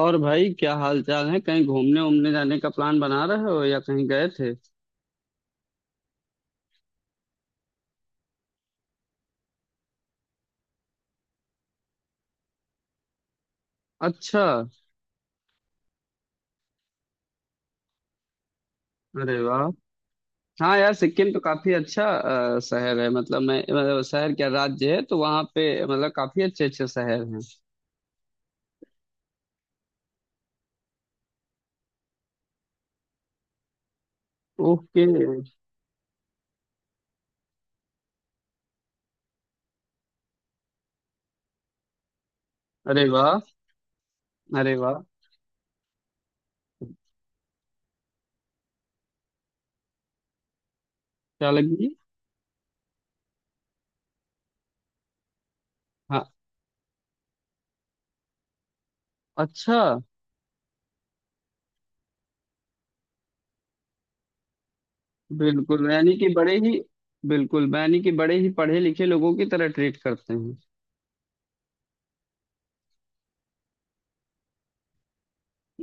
और भाई, क्या हाल चाल है? कहीं घूमने उमने जाने का प्लान बना रहे हो या कहीं गए थे? अच्छा। अरे वाह। हाँ यार, सिक्किम तो काफी अच्छा शहर है। मतलब मैं मतलब शहर क्या, राज्य है, तो वहाँ पे मतलब काफी अच्छे अच्छे शहर हैं। ओके। अरे वाह। अरे वाह। क्या लगी? हाँ। अच्छा। बिल्कुल यानी कि बड़े ही बिल्कुल यानी कि बड़े ही पढ़े लिखे लोगों की तरह ट्रीट करते हैं।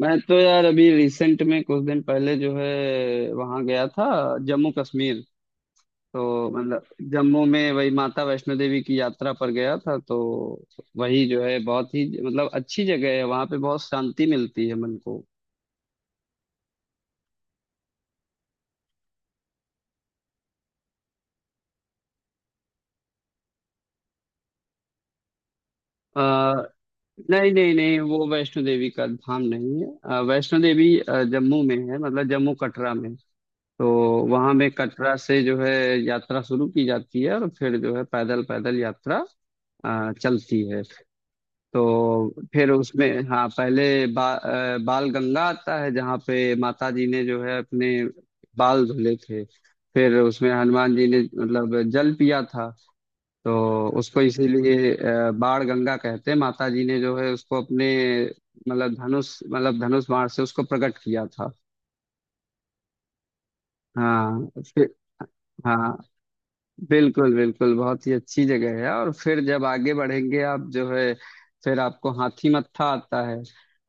मैं तो यार अभी रिसेंट में कुछ दिन पहले जो है वहां गया था, जम्मू कश्मीर। तो मतलब जम्मू में वही माता वैष्णो देवी की यात्रा पर गया था। तो वही, जो है, बहुत ही मतलब अच्छी जगह है, वहां पे बहुत शांति मिलती है मन को। आ, नहीं नहीं नहीं, वो वैष्णो देवी का धाम नहीं है। वैष्णो देवी जम्मू में है, मतलब जम्मू कटरा में। तो वहां में कटरा से जो है यात्रा शुरू की जाती है, और फिर जो है पैदल पैदल यात्रा चलती है। तो फिर उसमें, हाँ, पहले बाल गंगा आता है, जहाँ पे माता जी ने जो है अपने बाल धुले थे। फिर उसमें हनुमान जी ने मतलब जल पिया था। तो उसको इसीलिए बाण गंगा कहते हैं। माता जी ने जो है उसको अपने मतलब धनुष बाण से उसको प्रकट किया था। हाँ। फिर। हाँ। बिल्कुल बिल्कुल, बहुत ही अच्छी जगह है। और फिर जब आगे बढ़ेंगे आप, जो है, फिर आपको हाथी मत्था आता है।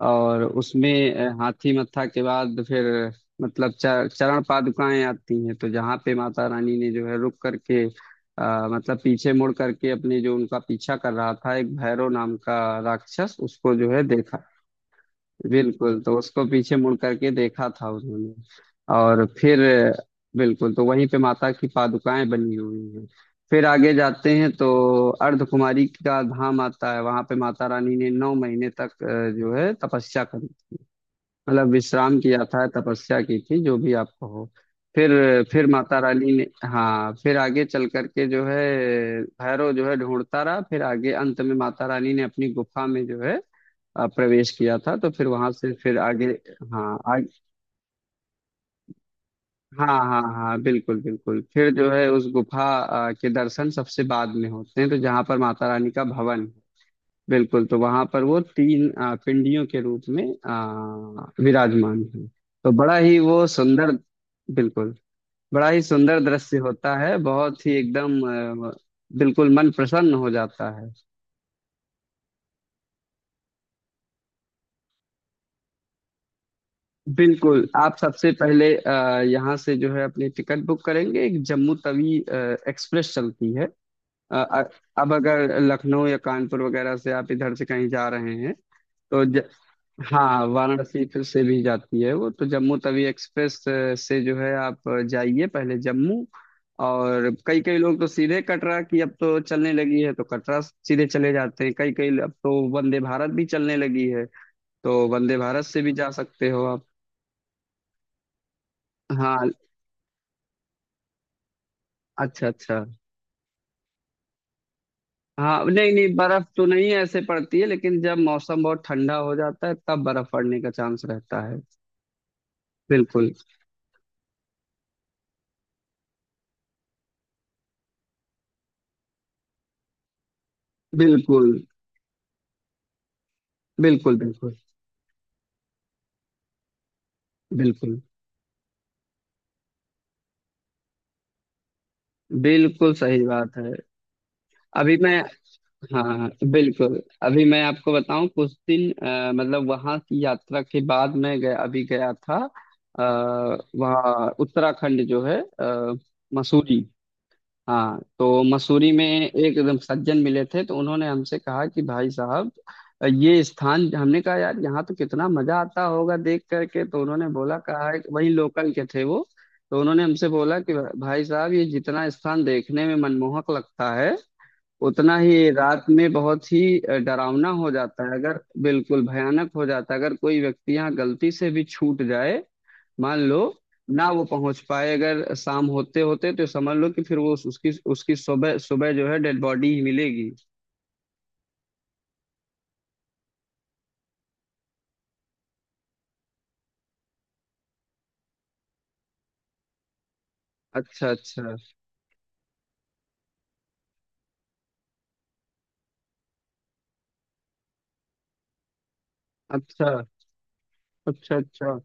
और उसमें हाथी मत्था के बाद फिर मतलब चरण पादुकाएं आती हैं, तो जहाँ पे माता रानी ने जो है रुक करके मतलब पीछे मुड़ करके, अपने, जो उनका पीछा कर रहा था, एक भैरव नाम का राक्षस, उसको जो है देखा। बिल्कुल। तो उसको पीछे मुड़ करके देखा था उन्होंने, और फिर, बिल्कुल, तो वहीं पे माता की पादुकाएं बनी हुई हैं। फिर आगे जाते हैं तो अर्धकुमारी का धाम आता है, वहां पे माता रानी ने 9 महीने तक जो है तपस्या करी, मतलब विश्राम किया था, तपस्या की थी, जो भी आपको हो। फिर फिर माता रानी ने, हाँ, फिर आगे चल करके, जो है, भैरव जो है ढूंढता रहा। फिर आगे अंत में माता रानी ने अपनी गुफा में जो है प्रवेश किया था, तो फिर वहां से फिर आगे, हाँ, आगे, हाँ हाँ हाँ, बिल्कुल बिल्कुल, फिर जो है उस गुफा के दर्शन सबसे बाद में होते हैं, तो जहाँ पर माता रानी का भवन है। बिल्कुल। तो वहां पर वो तीन पिंडियों के रूप में विराजमान है। तो बड़ा ही वो सुंदर, बिल्कुल, बड़ा ही सुंदर दृश्य होता है, बहुत ही एकदम बिल्कुल, मन प्रसन्न हो जाता है। बिल्कुल। आप सबसे पहले यहाँ से, जो है, अपनी टिकट बुक करेंगे। एक जम्मू तवी एक्सप्रेस चलती है। अ, अ- अब अगर लखनऊ या कानपुर वगैरह से आप इधर से कहीं जा रहे हैं, तो हाँ, वाराणसी फिर से भी जाती है वो, तो जम्मू तवी एक्सप्रेस से जो है आप जाइए पहले जम्मू। और कई कई लोग तो सीधे कटरा की, अब तो चलने लगी है तो कटरा सीधे चले जाते हैं कई कई, अब तो वंदे भारत भी चलने लगी है। तो वंदे भारत से भी जा सकते हो आप। हाँ। अच्छा अच्छा। हाँ, नहीं नहीं, बर्फ तो नहीं ऐसे पड़ती है, लेकिन जब मौसम बहुत ठंडा हो जाता है तब बर्फ पड़ने का चांस रहता है। बिल्कुल बिल्कुल बिल्कुल बिल्कुल बिल्कुल बिल्कुल सही बात है। अभी मैं हाँ हाँ, बिल्कुल, अभी मैं आपको बताऊं, कुछ दिन मतलब वहां की यात्रा के बाद मैं गया, अभी गया था आ, वहाँ उत्तराखंड जो है, मसूरी। हाँ, तो मसूरी में एक एकदम सज्जन मिले थे, तो उन्होंने हमसे कहा कि भाई साहब, ये स्थान, हमने कहा यार यहाँ तो कितना मजा आता होगा देख करके, तो उन्होंने बोला, कहा है कि वही, लोकल के थे वो, तो उन्होंने हमसे बोला कि भाई साहब, ये जितना स्थान देखने में मनमोहक लगता है, उतना ही रात में बहुत ही डरावना हो जाता है, अगर, बिल्कुल भयानक हो जाता है अगर कोई व्यक्ति यहाँ गलती से भी छूट जाए। मान लो ना वो पहुंच पाए अगर शाम होते होते, तो समझ लो कि फिर वो उसकी उसकी सुबह सुबह जो है डेड बॉडी ही मिलेगी। अच्छा अच्छा अच्छा अच्छा अच्छा।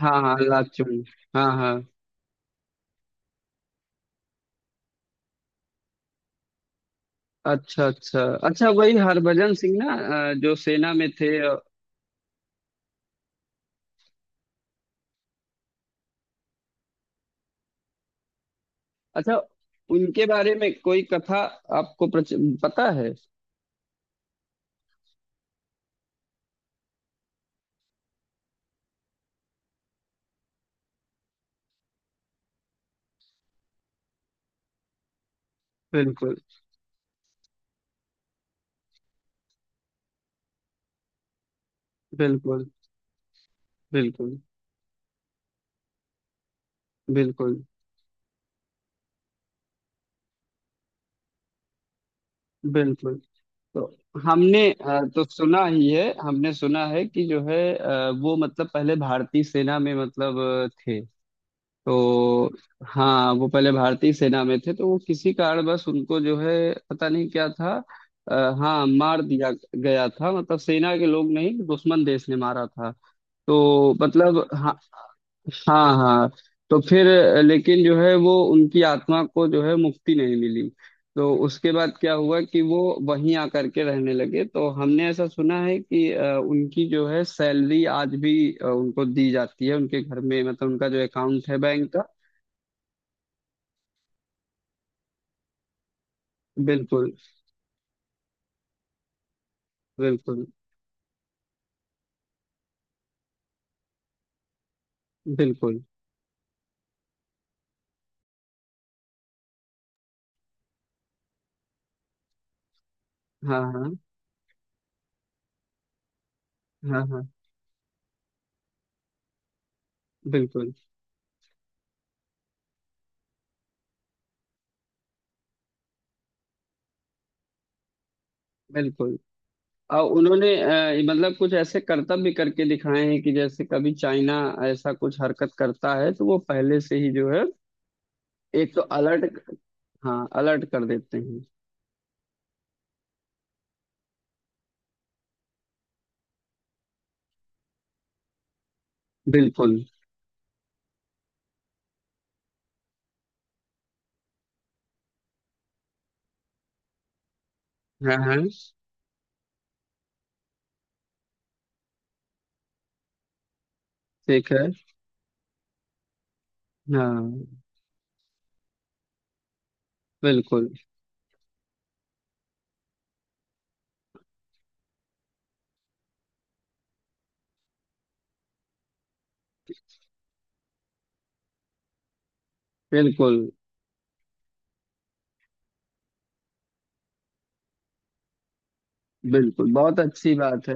हाँ हाँ, लाचुंग। हाँ हाँ। अच्छा अच्छा अच्छा, वही हरभजन सिंह ना, जो सेना में थे। अच्छा। उनके बारे में कोई कथा आपको पता है? बिल्कुल बिल्कुल बिल्कुल बिल्कुल बिल्कुल। तो हमने तो सुना ही है, हमने सुना है कि जो है वो मतलब पहले भारतीय सेना में, मतलब थे। तो हाँ, वो पहले भारतीय सेना में थे, तो वो किसी कारणवश उनको, जो है, पता नहीं क्या था। हाँ, मार दिया गया था, मतलब सेना के लोग नहीं, दुश्मन देश ने मारा था। तो मतलब, हाँ। हाँ हाँ। तो फिर लेकिन जो है वो, उनकी आत्मा को जो है मुक्ति नहीं मिली। तो उसके बाद क्या हुआ कि वो वहीं आकर के रहने लगे। तो हमने ऐसा सुना है कि उनकी जो है सैलरी आज भी उनको दी जाती है, उनके घर में, मतलब उनका जो अकाउंट है बैंक का। बिल्कुल बिल्कुल बिल्कुल। हाँ हाँ हाँ हाँ। बिल्कुल बिल्कुल। और उन्होंने मतलब कुछ ऐसे करतब भी करके दिखाए हैं कि जैसे कभी चाइना ऐसा कुछ हरकत करता है तो वो पहले से ही जो है, एक तो अलर्ट, हाँ, अलर्ट कर देते हैं। बिल्कुल। हाँ हाँ। ठीक है। हाँ। बिल्कुल बिल्कुल बिल्कुल, बहुत अच्छी बात है।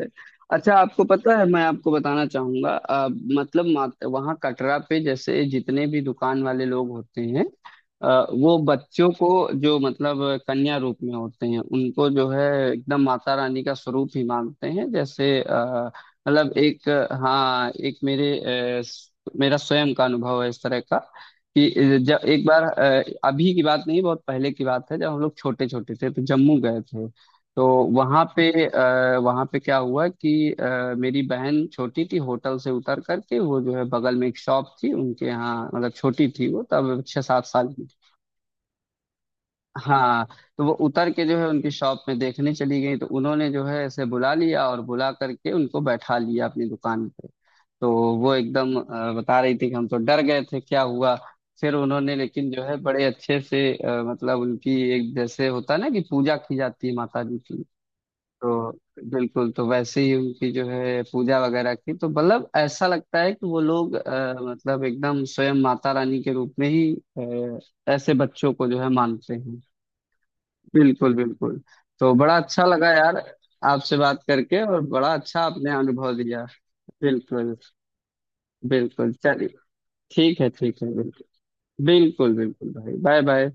अच्छा, आपको पता है, मैं आपको बताना चाहूंगा मतलब वहाँ कटरा पे, जैसे जितने भी दुकान वाले लोग होते हैं, वो बच्चों को, जो मतलब कन्या रूप में होते हैं, उनको जो है एकदम माता रानी का स्वरूप ही मानते हैं, जैसे मतलब एक, हाँ, एक मेरे अ, स- मेरा स्वयं का अनुभव है इस तरह का कि जब एक बार अभी की बात नहीं, बहुत पहले की बात है, जब हम लोग छोटे छोटे थे तो जम्मू गए थे। तो वहां पे क्या हुआ कि मेरी बहन छोटी थी, होटल से उतर करके वो जो है बगल में एक शॉप थी उनके यहाँ, मतलब छोटी थी वो, तब 6-7 साल की थी। हाँ, तो वो उतर के जो है उनकी शॉप में देखने चली गई, तो उन्होंने जो है ऐसे बुला लिया और बुला करके उनको बैठा लिया अपनी दुकान पे। तो वो एकदम बता रही थी कि हम तो डर गए थे क्या हुआ। फिर उन्होंने, लेकिन जो है, बड़े अच्छे से मतलब उनकी एक, जैसे होता है ना कि पूजा की जाती है माता जी की, तो बिल्कुल, तो वैसे ही उनकी जो है पूजा वगैरह की, तो मतलब ऐसा लगता है कि वो लोग मतलब एकदम स्वयं माता रानी के रूप में ही ऐसे बच्चों को जो है मानते हैं। बिल्कुल बिल्कुल। तो बड़ा अच्छा लगा यार, आपसे बात करके, और बड़ा अच्छा आपने अनुभव दिया। बिल्कुल बिल्कुल, चलिए, ठीक है ठीक है, बिल्कुल बिल्कुल बिल्कुल, भाई, बाय बाय।